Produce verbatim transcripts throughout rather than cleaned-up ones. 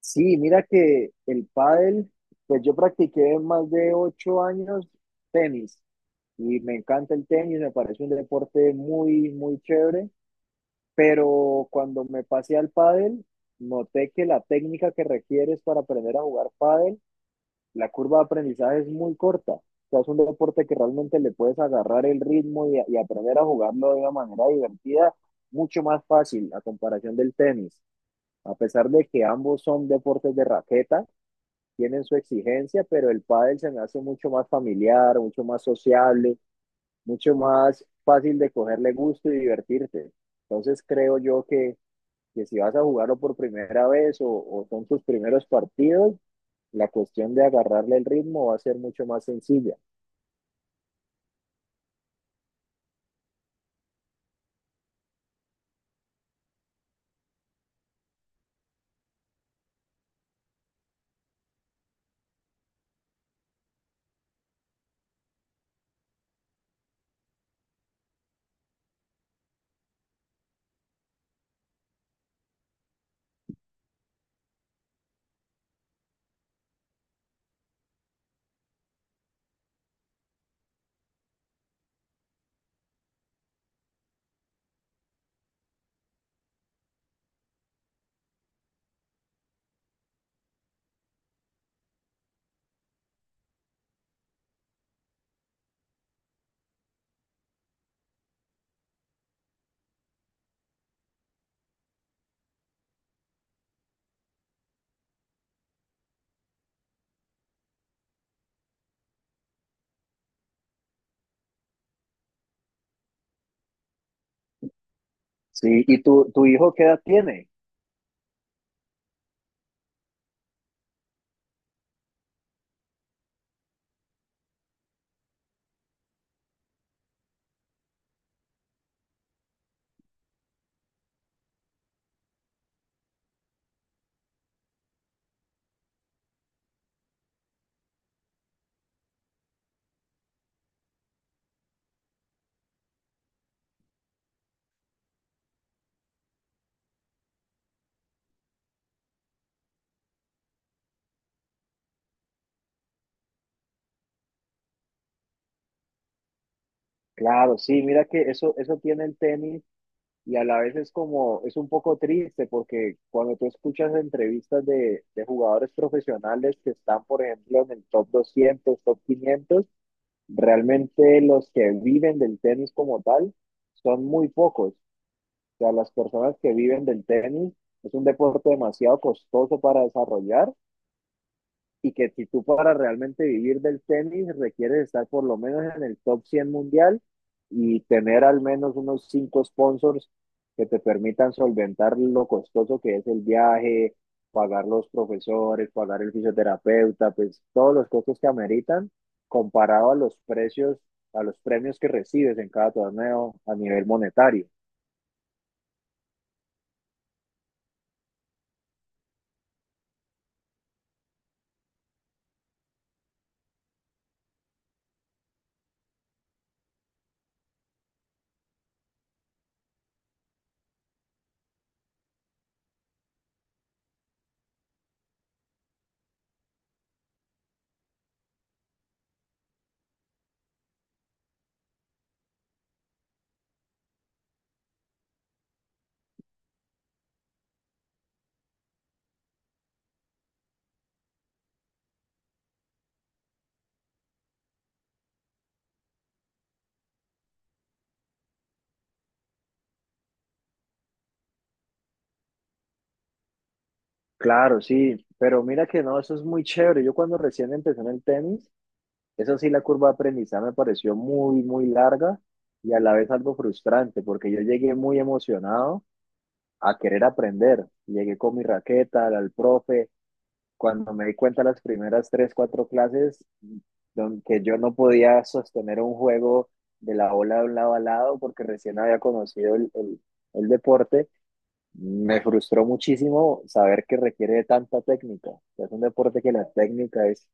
Sí, mira que el pádel, pues yo practiqué más de ocho años tenis y me encanta el tenis, me parece un deporte muy, muy chévere, pero cuando me pasé al pádel, noté que la técnica que requieres para aprender a jugar pádel, la curva de aprendizaje es muy corta. O sea, es un deporte que realmente le puedes agarrar el ritmo y, y aprender a jugarlo de una manera divertida, mucho más fácil a comparación del tenis, a pesar de que ambos son deportes de raqueta tienen su exigencia, pero el pádel se me hace mucho más familiar, mucho más sociable, mucho más fácil de cogerle gusto y divertirte. Entonces creo yo que, que si vas a jugarlo por primera vez o, o son tus primeros partidos, la cuestión de agarrarle el ritmo va a ser mucho más sencilla. Sí, ¿y tu, tu hijo qué edad tiene? Claro, sí, mira que eso, eso tiene el tenis. Y a la vez es como, es un poco triste porque cuando tú escuchas entrevistas de, de jugadores profesionales que están, por ejemplo, en el top doscientos, top quinientos, realmente los que viven del tenis como tal son muy pocos. O sea, las personas que viven del tenis es un deporte demasiado costoso para desarrollar y que si tú para realmente vivir del tenis requieres estar por lo menos en el top cien mundial y tener al menos unos cinco sponsors que te permitan solventar lo costoso que es el viaje, pagar los profesores, pagar el fisioterapeuta, pues todos los costos que ameritan comparado a los precios, a los premios que recibes en cada torneo a nivel monetario. Claro, sí, pero mira que no, eso es muy chévere. Yo cuando recién empecé en el tenis, eso sí, la curva de aprendizaje me pareció muy, muy larga y a la vez algo frustrante, porque yo llegué muy emocionado a querer aprender. Llegué con mi raqueta al, al profe. Cuando me di cuenta las primeras tres, cuatro clases, don- que yo no podía sostener un juego de la bola de un lado a lado porque recién había conocido el, el, el deporte, me frustró muchísimo saber que requiere de tanta técnica. Es un deporte que la técnica es.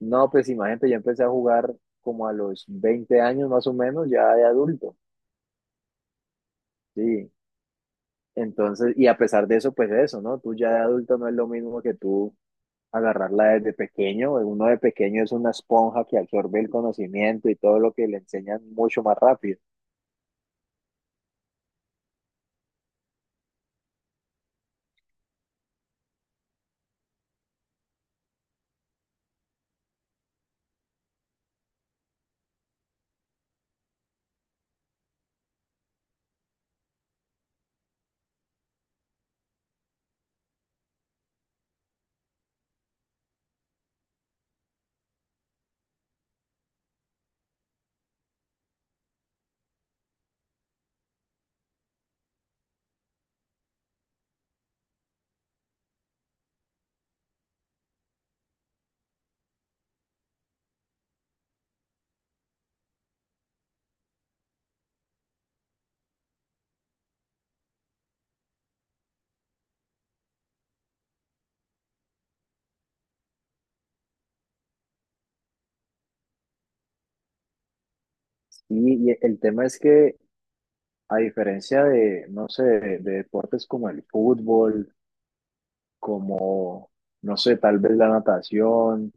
No, pues imagínate, yo empecé a jugar como a los veinte años más o menos, ya de adulto, sí. Entonces, y a pesar de eso, pues eso, ¿no? Tú ya de adulto no es lo mismo que tú agarrarla desde pequeño. Uno de pequeño es una esponja que absorbe el conocimiento y todo lo que le enseñan mucho más rápido. Y, y el tema es que, a diferencia de, no sé, de, de deportes como el fútbol, como, no sé, tal vez la natación,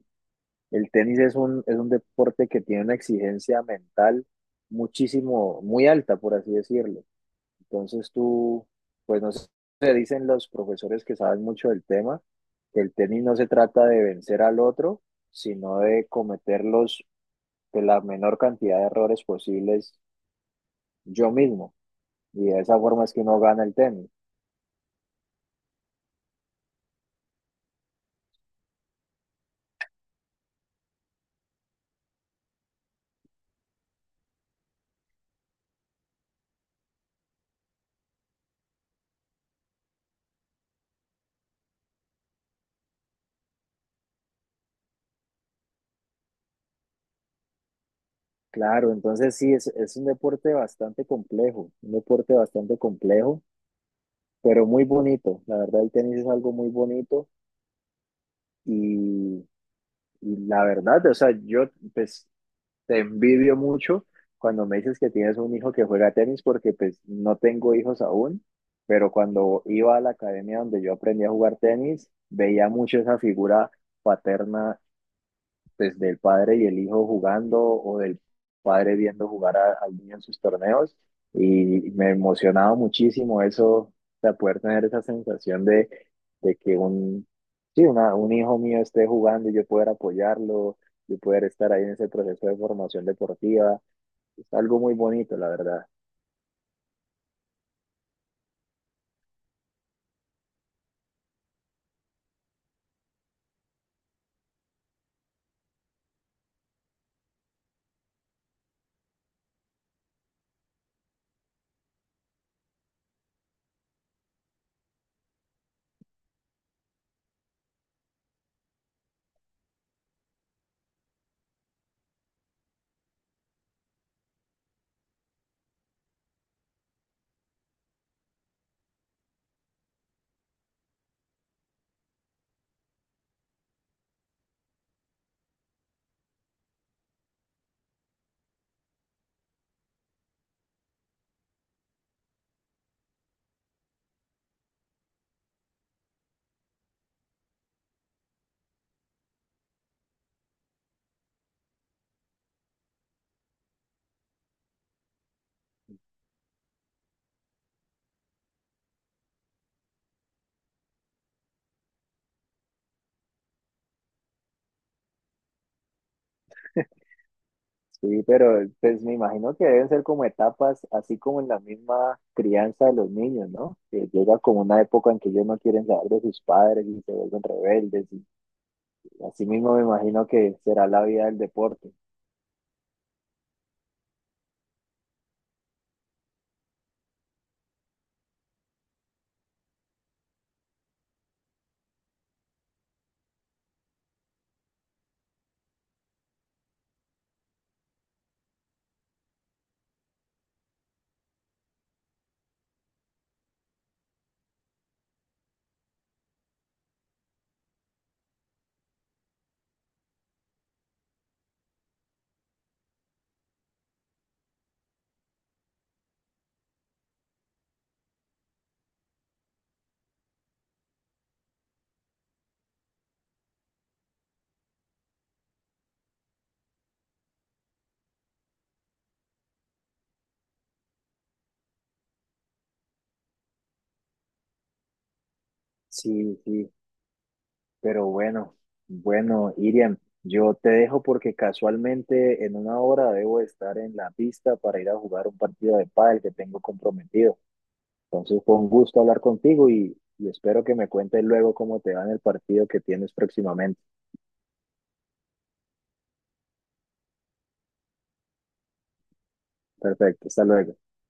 el tenis es un, es un deporte que tiene una exigencia mental muchísimo, muy alta, por así decirlo. Entonces tú, pues no sé, te dicen los profesores que saben mucho del tema, que el tenis no se trata de vencer al otro, sino de cometer los, de la menor cantidad de errores posibles yo mismo. Y de esa forma es que uno gana el tenis. Claro, entonces sí, es, es un deporte bastante complejo, un deporte bastante complejo, pero muy bonito. La verdad, el tenis es algo muy bonito. Y, y la verdad, o sea, yo pues te envidio mucho cuando me dices que tienes un hijo que juega tenis porque pues no tengo hijos aún, pero cuando iba a la academia donde yo aprendí a jugar tenis, veía mucho esa figura paterna pues, del padre y el hijo jugando o del padre viendo jugar a- al niño en sus torneos y me emocionaba muchísimo eso, de poder tener esa sensación de, de, que un, sí, una- un hijo mío esté jugando y yo poder apoyarlo, yo poder estar ahí en ese proceso de formación deportiva. Es algo muy bonito, la verdad. Sí, pero pues me imagino que deben ser como etapas, así como en la misma crianza de los niños, ¿no? Que llega como una época en que ellos no quieren saber de sus padres y se vuelven rebeldes. Y así mismo me imagino que será la vida del deporte. Sí, sí, pero bueno, bueno, Iriam, yo te dejo porque casualmente en una hora debo estar en la pista para ir a jugar un partido de pádel que tengo comprometido. Entonces fue un gusto hablar contigo y, y espero que me cuentes luego cómo te va en el partido que tienes próximamente. Perfecto, hasta luego.